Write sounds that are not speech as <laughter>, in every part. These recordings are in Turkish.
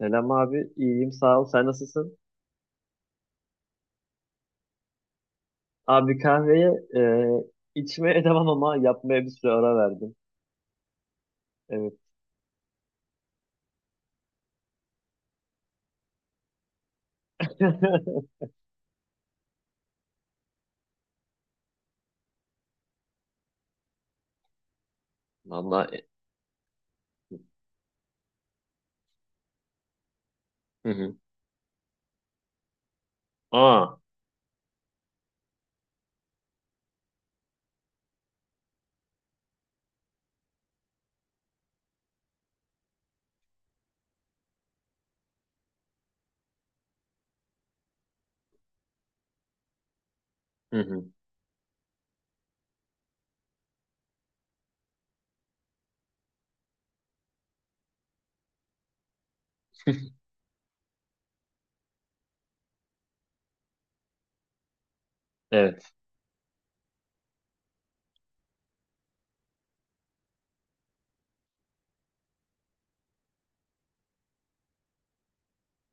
Selam abi, iyiyim sağ ol. Sen nasılsın? Abi kahveye e, içmeye <laughs> devam ama yapmaya bir süre ara verdim. Evet. <laughs> Vallahi. Hı hı. Aa. Hı hı. <laughs> Evet.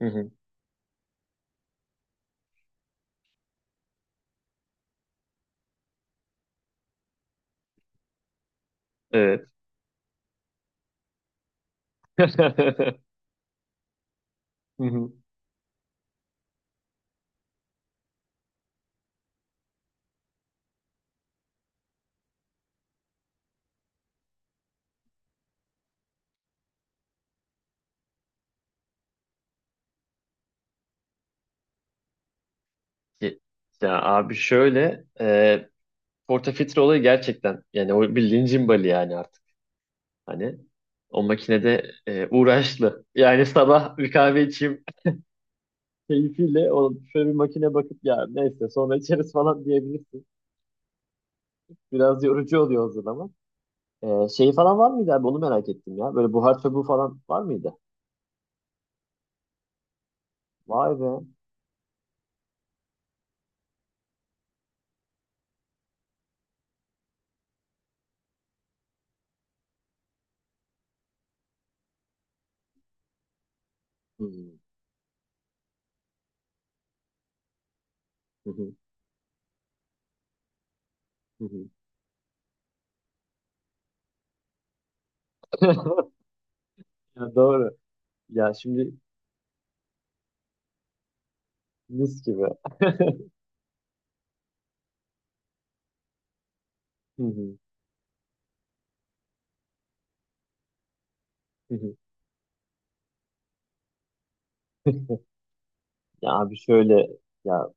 Hı hı. Evet. <laughs> Hı hı. Ye- Ya abi şöyle portafitre olayı gerçekten, yani o bildiğin cimbali yani artık hani o makinede uğraşlı. Yani <laughs> sabah bir kahve içeyim, <laughs> keyfiyle o şöyle bir makine bakıp ya neyse sonra içeriz falan diyebilirsin. Biraz yorucu oluyor o zaman. Şey falan var mıydı abi? Onu merak ettim ya. Böyle buhar çubuğu falan var mıydı? Vay be. Hı hı, hı hı, hı hı. <laughs> Ya doğru. Ya şimdi mis gibi. <laughs> Hı hı, hı hı. Ya abi şöyle, ya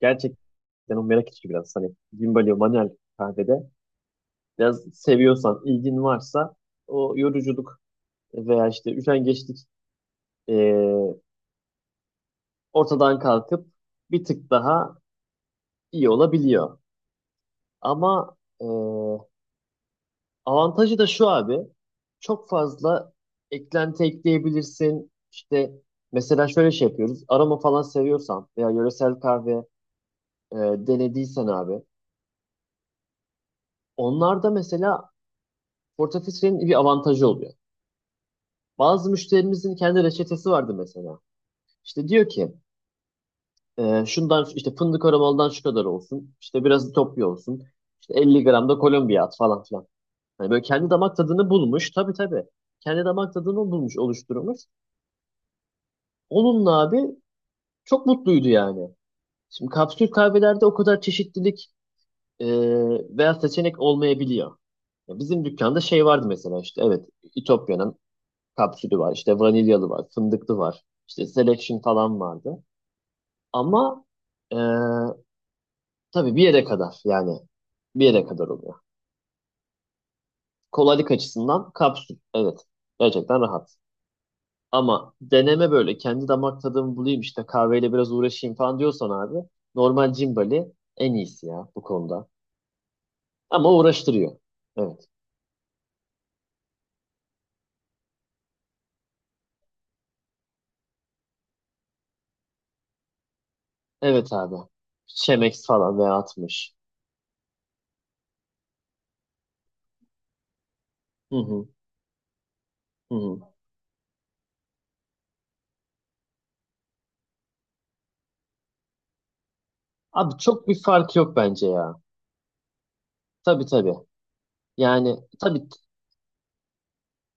gerçekten o merak içi biraz hani Gimbalio manuel kahvede biraz seviyorsan, ilgin varsa o yoruculuk veya işte üşengeçlik eee ortadan kalkıp bir tık daha iyi olabiliyor. Ama avantajı da şu abi. Çok fazla eklenti ekleyebilirsin. İşte mesela şöyle şey yapıyoruz. Aroma falan seviyorsan veya yöresel kahve e, denediysen abi. Onlarda mesela portafiltrenin bir avantajı oluyor. Bazı müşterimizin kendi reçetesi vardı mesela. İşte diyor ki şundan işte fındık aromalıdan şu kadar olsun. İşte biraz Etiyopya olsun. İşte 50 gram da Kolombiya at falan filan. Hani böyle kendi damak tadını bulmuş. Tabii tabii. Kendi damak tadını bulmuş, oluşturmuş. Onunla abi çok mutluydu yani. Şimdi kapsül kahvelerde o kadar çeşitlilik e, veya seçenek olmayabiliyor. Ya bizim dükkanda şey vardı mesela, işte evet, İtopya'nın kapsülü var, işte vanilyalı var, fındıklı var, işte selection falan vardı. Ama e, tabii bir yere kadar, yani bir yere kadar oluyor. Kolaylık açısından kapsül evet, gerçekten rahat. Ama deneme, böyle kendi damak tadımı bulayım, işte kahveyle biraz uğraşayım falan diyorsan abi, normal Cimbali en iyisi ya bu konuda. Ama uğraştırıyor. Evet. Evet abi. Şemex falan veya atmış. Hı hı. Hı hı. Abi çok bir fark yok bence ya. Tabii tabii. Yani tabii t-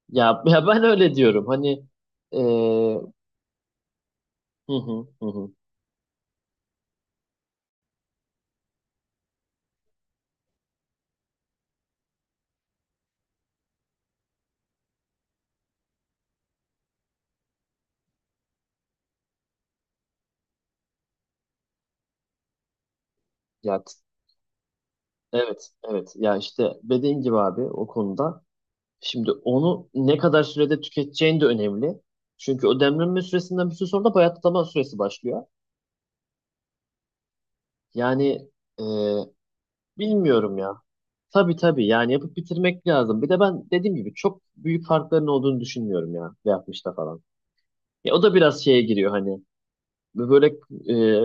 ya, ya ben öyle diyorum. Hani eee, hı hı hı hı. Ya t- evet evet. Ya işte dediğin gibi abi o konuda. Şimdi onu ne kadar sürede tüketeceğin de önemli. Çünkü o demlenme süresinden bir süre sonra da bayatlama süresi başlıyor. Yani eee, bilmiyorum ya. Tabii tabii yani yapıp bitirmek lazım. Bir de ben dediğim gibi çok büyük farkların olduğunu düşünmüyorum ya, yapmışta falan. Ya o da biraz şeye giriyor, hani böyle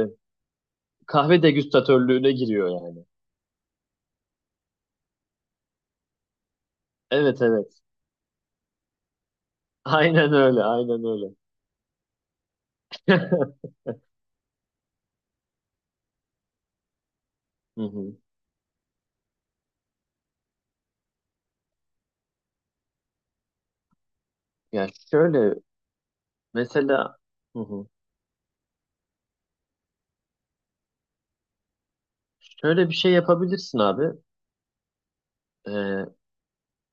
e, kahve degüstatörlüğüne giriyor yani. Evet evet. <laughs> Aynen öyle, aynen öyle. <laughs> Hı hı. Ya şöyle mesela, hı hı. Şöyle bir şey yapabilirsin abi. Ee,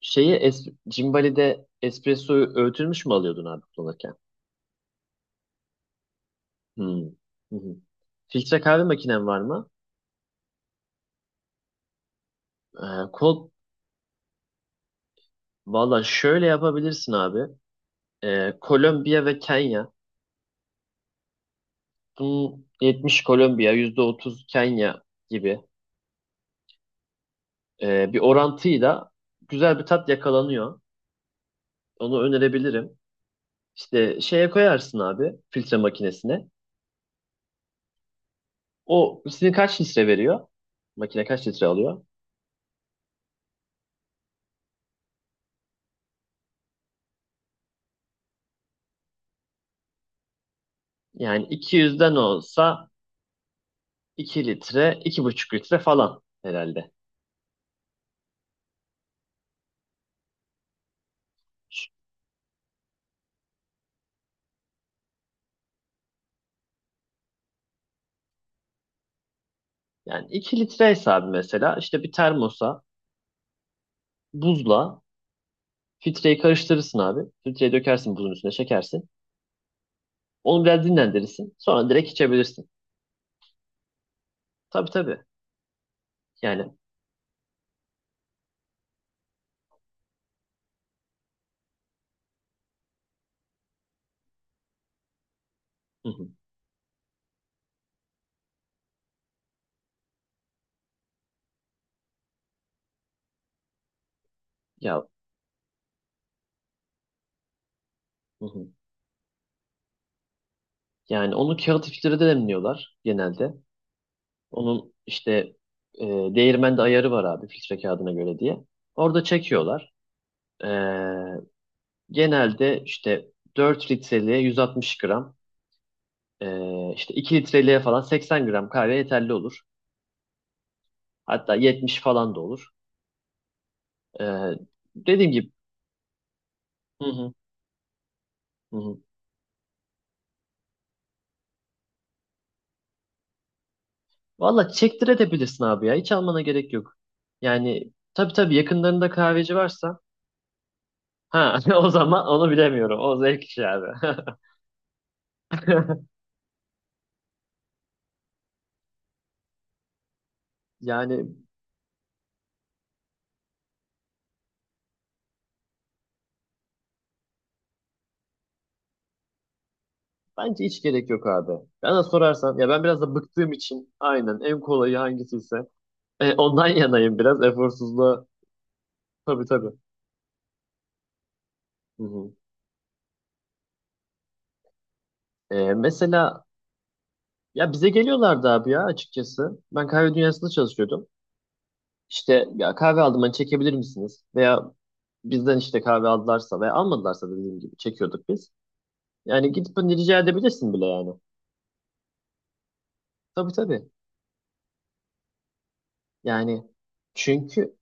şeyi Cimbali'de espressoyu öğütülmüş mü alıyordun abi kullanırken? Hı. Hı hı. Filtre kahve makinen var mı? Kol valla şöyle yapabilirsin abi. Kolombiya ve Kenya. Bunun 70 Kolombiya, %30 Kenya gibi bir orantıyla güzel bir tat yakalanıyor. Onu önerebilirim. İşte şeye koyarsın abi, filtre makinesine. O sizin kaç litre veriyor? Makine kaç litre alıyor? Yani 200'den olsa 2 litre, iki buçuk litre falan herhalde. Yani iki litre hesabı mesela, işte bir termosa buzla filtreyi karıştırırsın abi. Filtreye dökersin, buzun üstüne çekersin. Onu biraz dinlendirirsin. Sonra direkt içebilirsin. Tabii tabii. Yani hı hı. Ya hı hı. Yani onu kağıt filtrede demliyorlar genelde. Onun işte değirmende ayarı var abi, filtre kağıdına göre diye. Orada çekiyorlar. E, genelde işte 4 litreliğe 160 gram, işte 2 litreliğe falan 80 gram kahve yeterli olur. Hatta 70 falan da olur. E, dediğim gibi hı hı. Hı hı. Valla çektirebilirsin abi ya. Hiç almana gerek yok. Yani tabii tabii yakınlarında kahveci varsa, ha <laughs> o zaman onu bilemiyorum. O zevk işi abi. <laughs> Yani bence hiç gerek yok abi. Bana sorarsan ya, ben biraz da bıktığım için aynen en kolayı hangisiyse ondan <laughs> yanayım, biraz eforsuzluğa. Tabii tabii. Hı hı. E, mesela ya bize geliyorlardı abi ya, açıkçası. Ben kahve dünyasında çalışıyordum. İşte ya kahve aldım, hani çekebilir misiniz? Veya bizden işte kahve aldılarsa veya almadılarsa dediğim gibi çekiyorduk biz. Yani gidip hani rica edebilirsin bile yani. Tabii tabii. Yani çünkü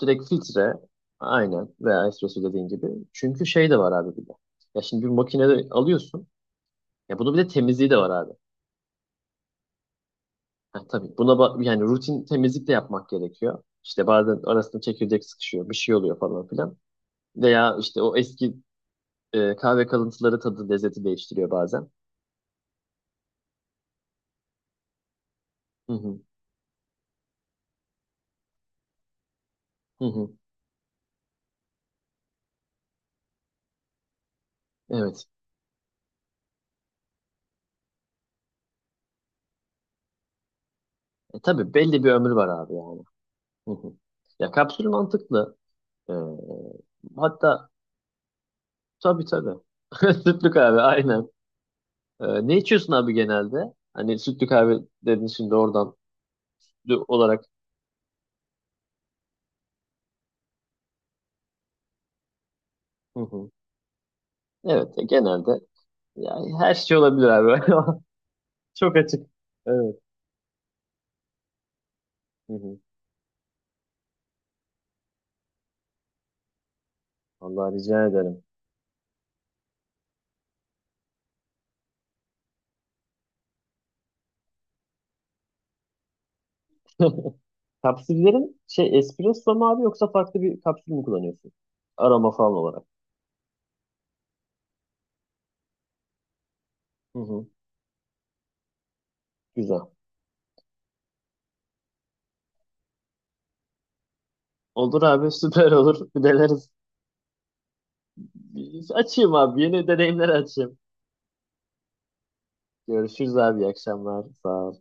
direkt filtre, aynen, veya espresso dediğin gibi. Çünkü şey de var abi bir de. Ya şimdi bir makinede alıyorsun. Ya bunun bir de temizliği de var abi. Ha, tabii buna yani rutin temizlik de yapmak gerekiyor. İşte bazen arasında çekirdek sıkışıyor, bir şey oluyor falan filan. Veya işte o eski kahve kalıntıları tadı lezzeti değiştiriyor bazen. Hı hı, hı hı. Evet. E, tabii belli bir ömrü var abi yani. Hı hı. Ya kapsül mantıklı. Ee, hatta tabii tabii. <laughs> Sütlü kahve aynen. Ne içiyorsun abi genelde? Hani sütlü kahve dedin şimdi oradan sütlü olarak. Hı hı. Evet, genelde yani her şey olabilir abi. <laughs> Çok açık. Evet. Hı hı. Vallahi rica ederim. <laughs> Kapsüllerin şey espresso mu abi, yoksa farklı bir kapsül mü kullanıyorsun? Aroma falan olarak. Hı hı. Güzel. Olur abi, <laughs> süper olur. Bir deneriz. Açayım abi. Yeni deneyimler açayım. Görüşürüz abi. İyi akşamlar. Sağ ol.